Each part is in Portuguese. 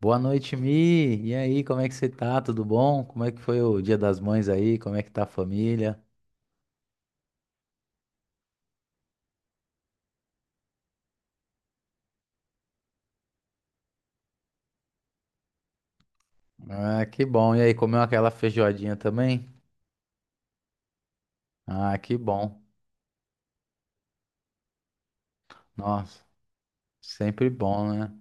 Boa noite, Mi. E aí, como é que você tá? Tudo bom? Como é que foi o Dia das Mães aí? Como é que tá a família? Ah, que bom. E aí, comeu aquela feijoadinha também? Ah, que bom. Nossa, sempre bom, né?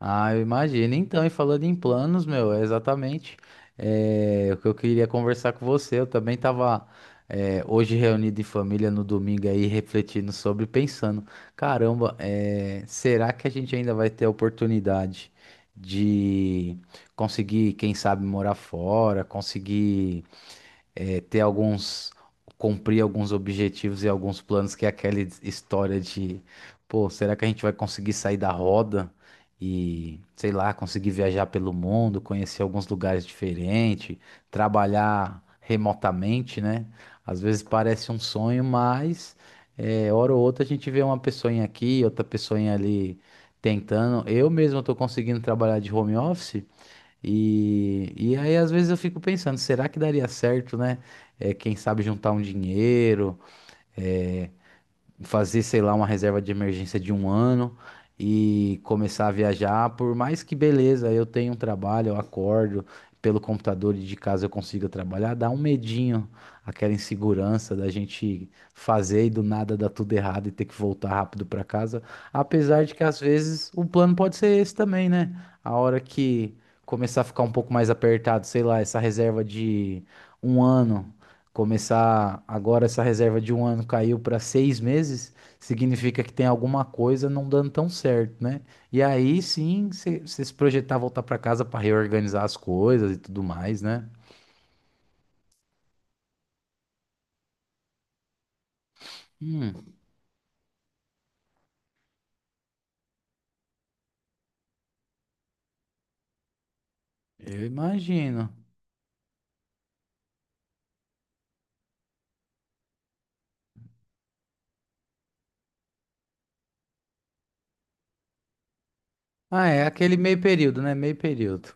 Ah, eu imagino. Então, e falando em planos, meu, é exatamente, o que eu queria conversar com você. Eu também estava hoje reunido em família no domingo aí, refletindo sobre, pensando, caramba, será que a gente ainda vai ter a oportunidade de conseguir, quem sabe, morar fora, conseguir ter alguns, cumprir alguns objetivos e alguns planos, que é aquela história de, pô, será que a gente vai conseguir sair da roda e, sei lá, conseguir viajar pelo mundo, conhecer alguns lugares diferentes, trabalhar remotamente, né? Às vezes parece um sonho, mas hora ou outra a gente vê uma pessoinha aqui, outra pessoinha ali tentando. Eu mesmo estou conseguindo trabalhar de home office. E aí, às vezes, eu fico pensando, será que daria certo, né? É, quem sabe juntar um dinheiro. é, Fazer, sei lá, uma reserva de emergência de um ano e começar a viajar. Por mais que, beleza, eu tenho um trabalho, eu acordo pelo computador e de casa eu consiga trabalhar, dá um medinho, aquela insegurança da gente fazer e do nada dar tudo errado e ter que voltar rápido para casa, apesar de que às vezes o plano pode ser esse também, né? A hora que começar a ficar um pouco mais apertado, sei lá, essa reserva de um ano. Começar agora, essa reserva de um ano caiu para seis meses, significa que tem alguma coisa não dando tão certo, né? E aí sim, você se projetar voltar para casa para reorganizar as coisas e tudo mais, né? Hum, eu imagino. Ah, é aquele meio período, né? Meio período.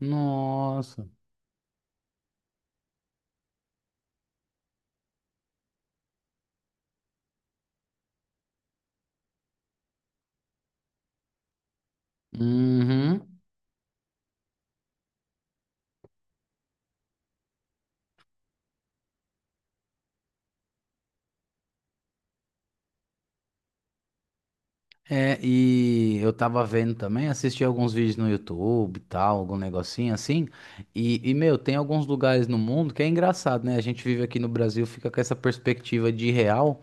Nossa. Uhum. É, e eu tava vendo também, assisti alguns vídeos no YouTube e tal, algum negocinho assim. E meu, tem alguns lugares no mundo que é engraçado, né? A gente vive aqui no Brasil, fica com essa perspectiva de real.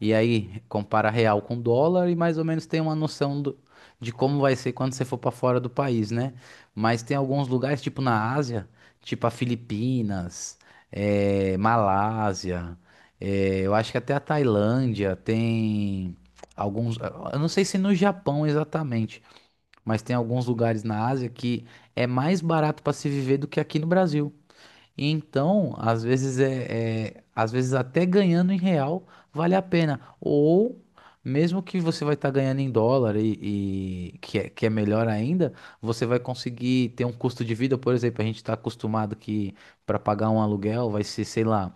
E aí, compara real com dólar e mais ou menos tem uma noção do- de como vai ser quando você for para fora do país, né? Mas tem alguns lugares, tipo na Ásia, tipo a Filipinas, Malásia, eu acho que até a Tailândia tem alguns. Eu não sei se no Japão exatamente, mas tem alguns lugares na Ásia que é mais barato para se viver do que aqui no Brasil. E então, às vezes às vezes até ganhando em real vale a pena. Ou mesmo que você vai estar ganhando em dólar e que é melhor ainda, você vai conseguir ter um custo de vida. Por exemplo, a gente está acostumado que para pagar um aluguel vai ser, sei lá,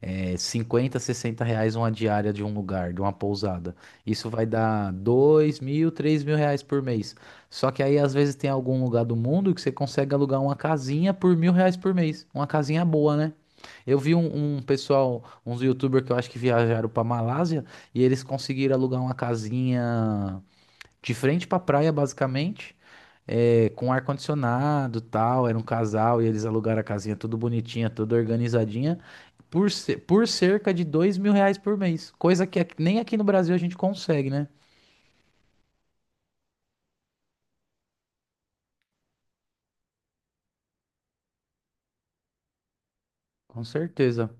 50, R$ 60 uma diária de um lugar, de uma pousada. Isso vai dar 2.000, R$ 3.000 por mês. Só que aí às vezes tem algum lugar do mundo que você consegue alugar uma casinha por R$ 1.000 por mês. Uma casinha boa, né? Eu vi um pessoal, uns youtubers que eu acho que viajaram para Malásia e eles conseguiram alugar uma casinha de frente pra praia, basicamente, com ar-condicionado, tal. Era um casal e eles alugaram a casinha tudo bonitinha, tudo organizadinha, por cerca de R$ 2.000 por mês, coisa que aqui- nem aqui no Brasil a gente consegue, né? Com certeza.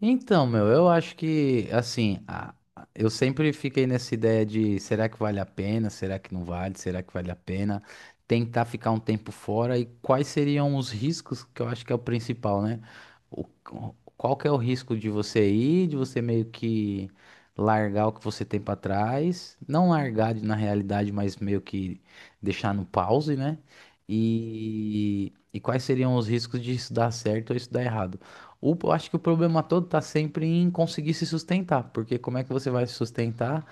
Então, meu, eu acho que, assim, eu sempre fiquei nessa ideia de será que vale a pena, será que não vale, será que vale a pena tentar ficar um tempo fora e quais seriam os riscos, que eu acho que é o principal, né? O- Qual que é o risco de você ir, de você meio que largar o que você tem pra trás, não largar de- na realidade, mas meio que deixar no pause, né? E quais seriam os riscos de isso dar certo ou isso dar errado? Eu acho que o problema todo tá sempre em conseguir se sustentar, porque como é que você vai se sustentar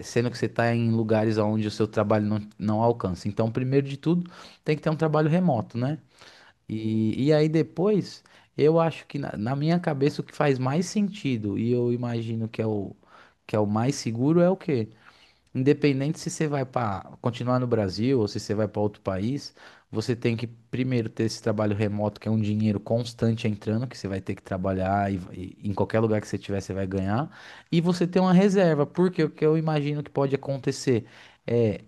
sendo que você está em lugares onde o seu trabalho não alcança? Então, primeiro de tudo, tem que ter um trabalho remoto, né? E aí depois, eu acho que na minha cabeça o que faz mais sentido, e eu imagino que é que é o mais seguro, é o quê? Independente se você vai para continuar no Brasil ou se você vai para outro país, você tem que primeiro ter esse trabalho remoto, que é um dinheiro constante entrando, que você vai ter que trabalhar e em qualquer lugar que você tiver, você vai ganhar. E você ter uma reserva, porque o que eu imagino que pode acontecer é,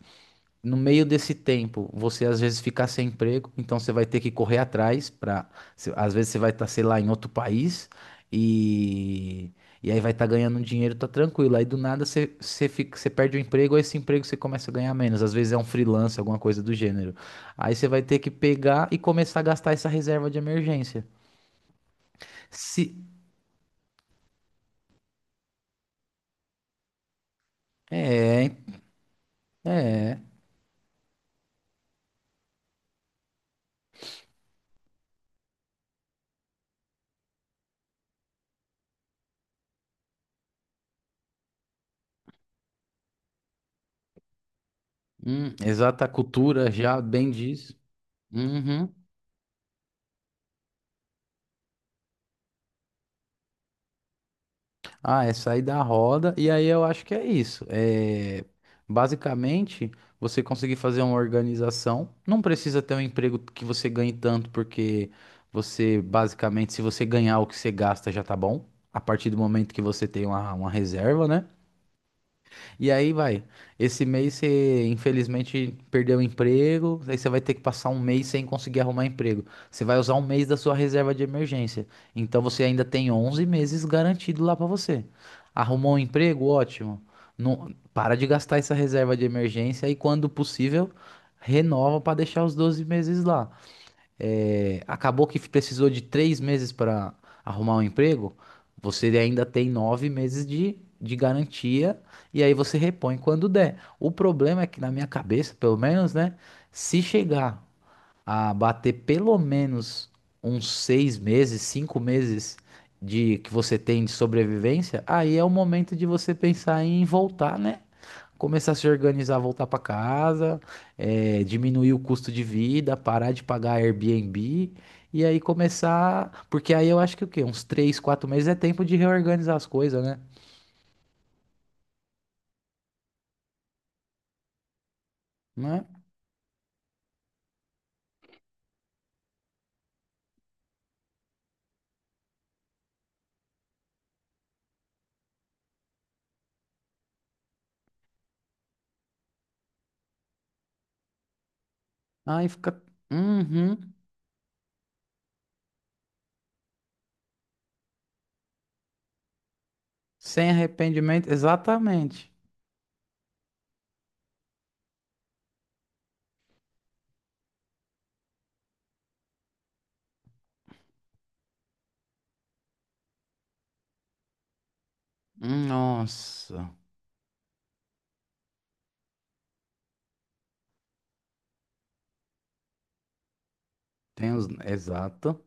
no meio desse tempo, você às vezes fica sem emprego, então você vai ter que correr atrás. Para, às vezes você vai estar, sei lá, em outro país e e aí vai estar ganhando um dinheiro, tá tranquilo. Aí do nada você fica, você perde o emprego, aí esse emprego você começa a ganhar menos. Às vezes é um freelance, alguma coisa do gênero. Aí você vai ter que pegar e começar a gastar essa reserva de emergência. Se é, é, exata cultura já bem diz. Uhum. Ah, é sair da roda, e aí eu acho que é isso. É, basicamente, você conseguir fazer uma organização. Não precisa ter um emprego que você ganhe tanto, porque você, basicamente, se você ganhar o que você gasta, já tá bom. A partir do momento que você tem uma reserva, né? E aí vai. Esse mês você, infelizmente, perdeu o emprego, aí você vai ter que passar um mês sem conseguir arrumar emprego. Você vai usar um mês da sua reserva de emergência. Então você ainda tem 11 meses garantido lá pra você. Arrumou um emprego? Ótimo. Não, para de gastar essa reserva de emergência e, quando possível, renova pra deixar os 12 meses lá. Acabou que precisou de 3 meses para arrumar um emprego, você ainda tem 9 meses de garantia e aí você repõe quando der. O problema é que, na minha cabeça, pelo menos, né? Se chegar a bater pelo menos uns 6 meses, 5 meses de que você tem de sobrevivência, aí é o momento de você pensar em voltar, né? Começar a se organizar, voltar para casa, diminuir o custo de vida, parar de pagar Airbnb e aí começar, porque aí eu acho que o quê? Uns 3, 4 meses é tempo de reorganizar as coisas, né? Né? Aí fica, uhum, sem arrependimento, exatamente. Nossa, tem os, exato.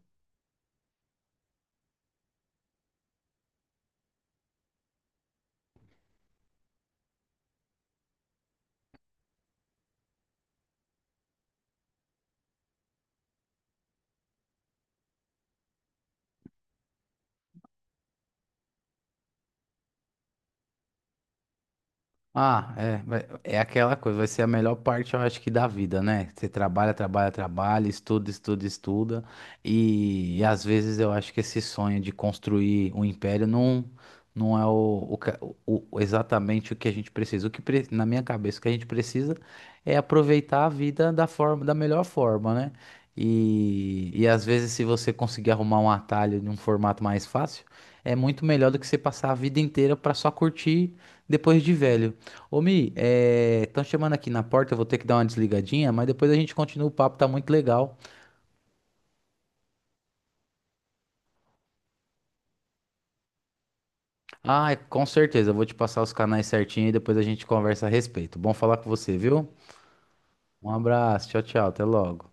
Ah, é, vai- é aquela coisa, vai ser a melhor parte, eu acho, que da vida, né? Você trabalha, trabalha, trabalha, estuda, estuda, estuda, e às vezes eu acho que esse sonho de construir um império não, não é o- exatamente o que a gente precisa. O que pre- na minha cabeça o que a gente precisa é aproveitar a vida da forma, da melhor forma, né? E às vezes, se você conseguir arrumar um atalho de um formato mais fácil, é muito melhor do que você passar a vida inteira para só curtir depois de velho. Ô, Mi, estão chamando aqui na porta, eu vou ter que dar uma desligadinha, mas depois a gente continua, o papo tá muito legal. Ah, é, com certeza, eu vou te passar os canais certinho e depois a gente conversa a respeito. Bom falar com você, viu? Um abraço, tchau, tchau, até logo.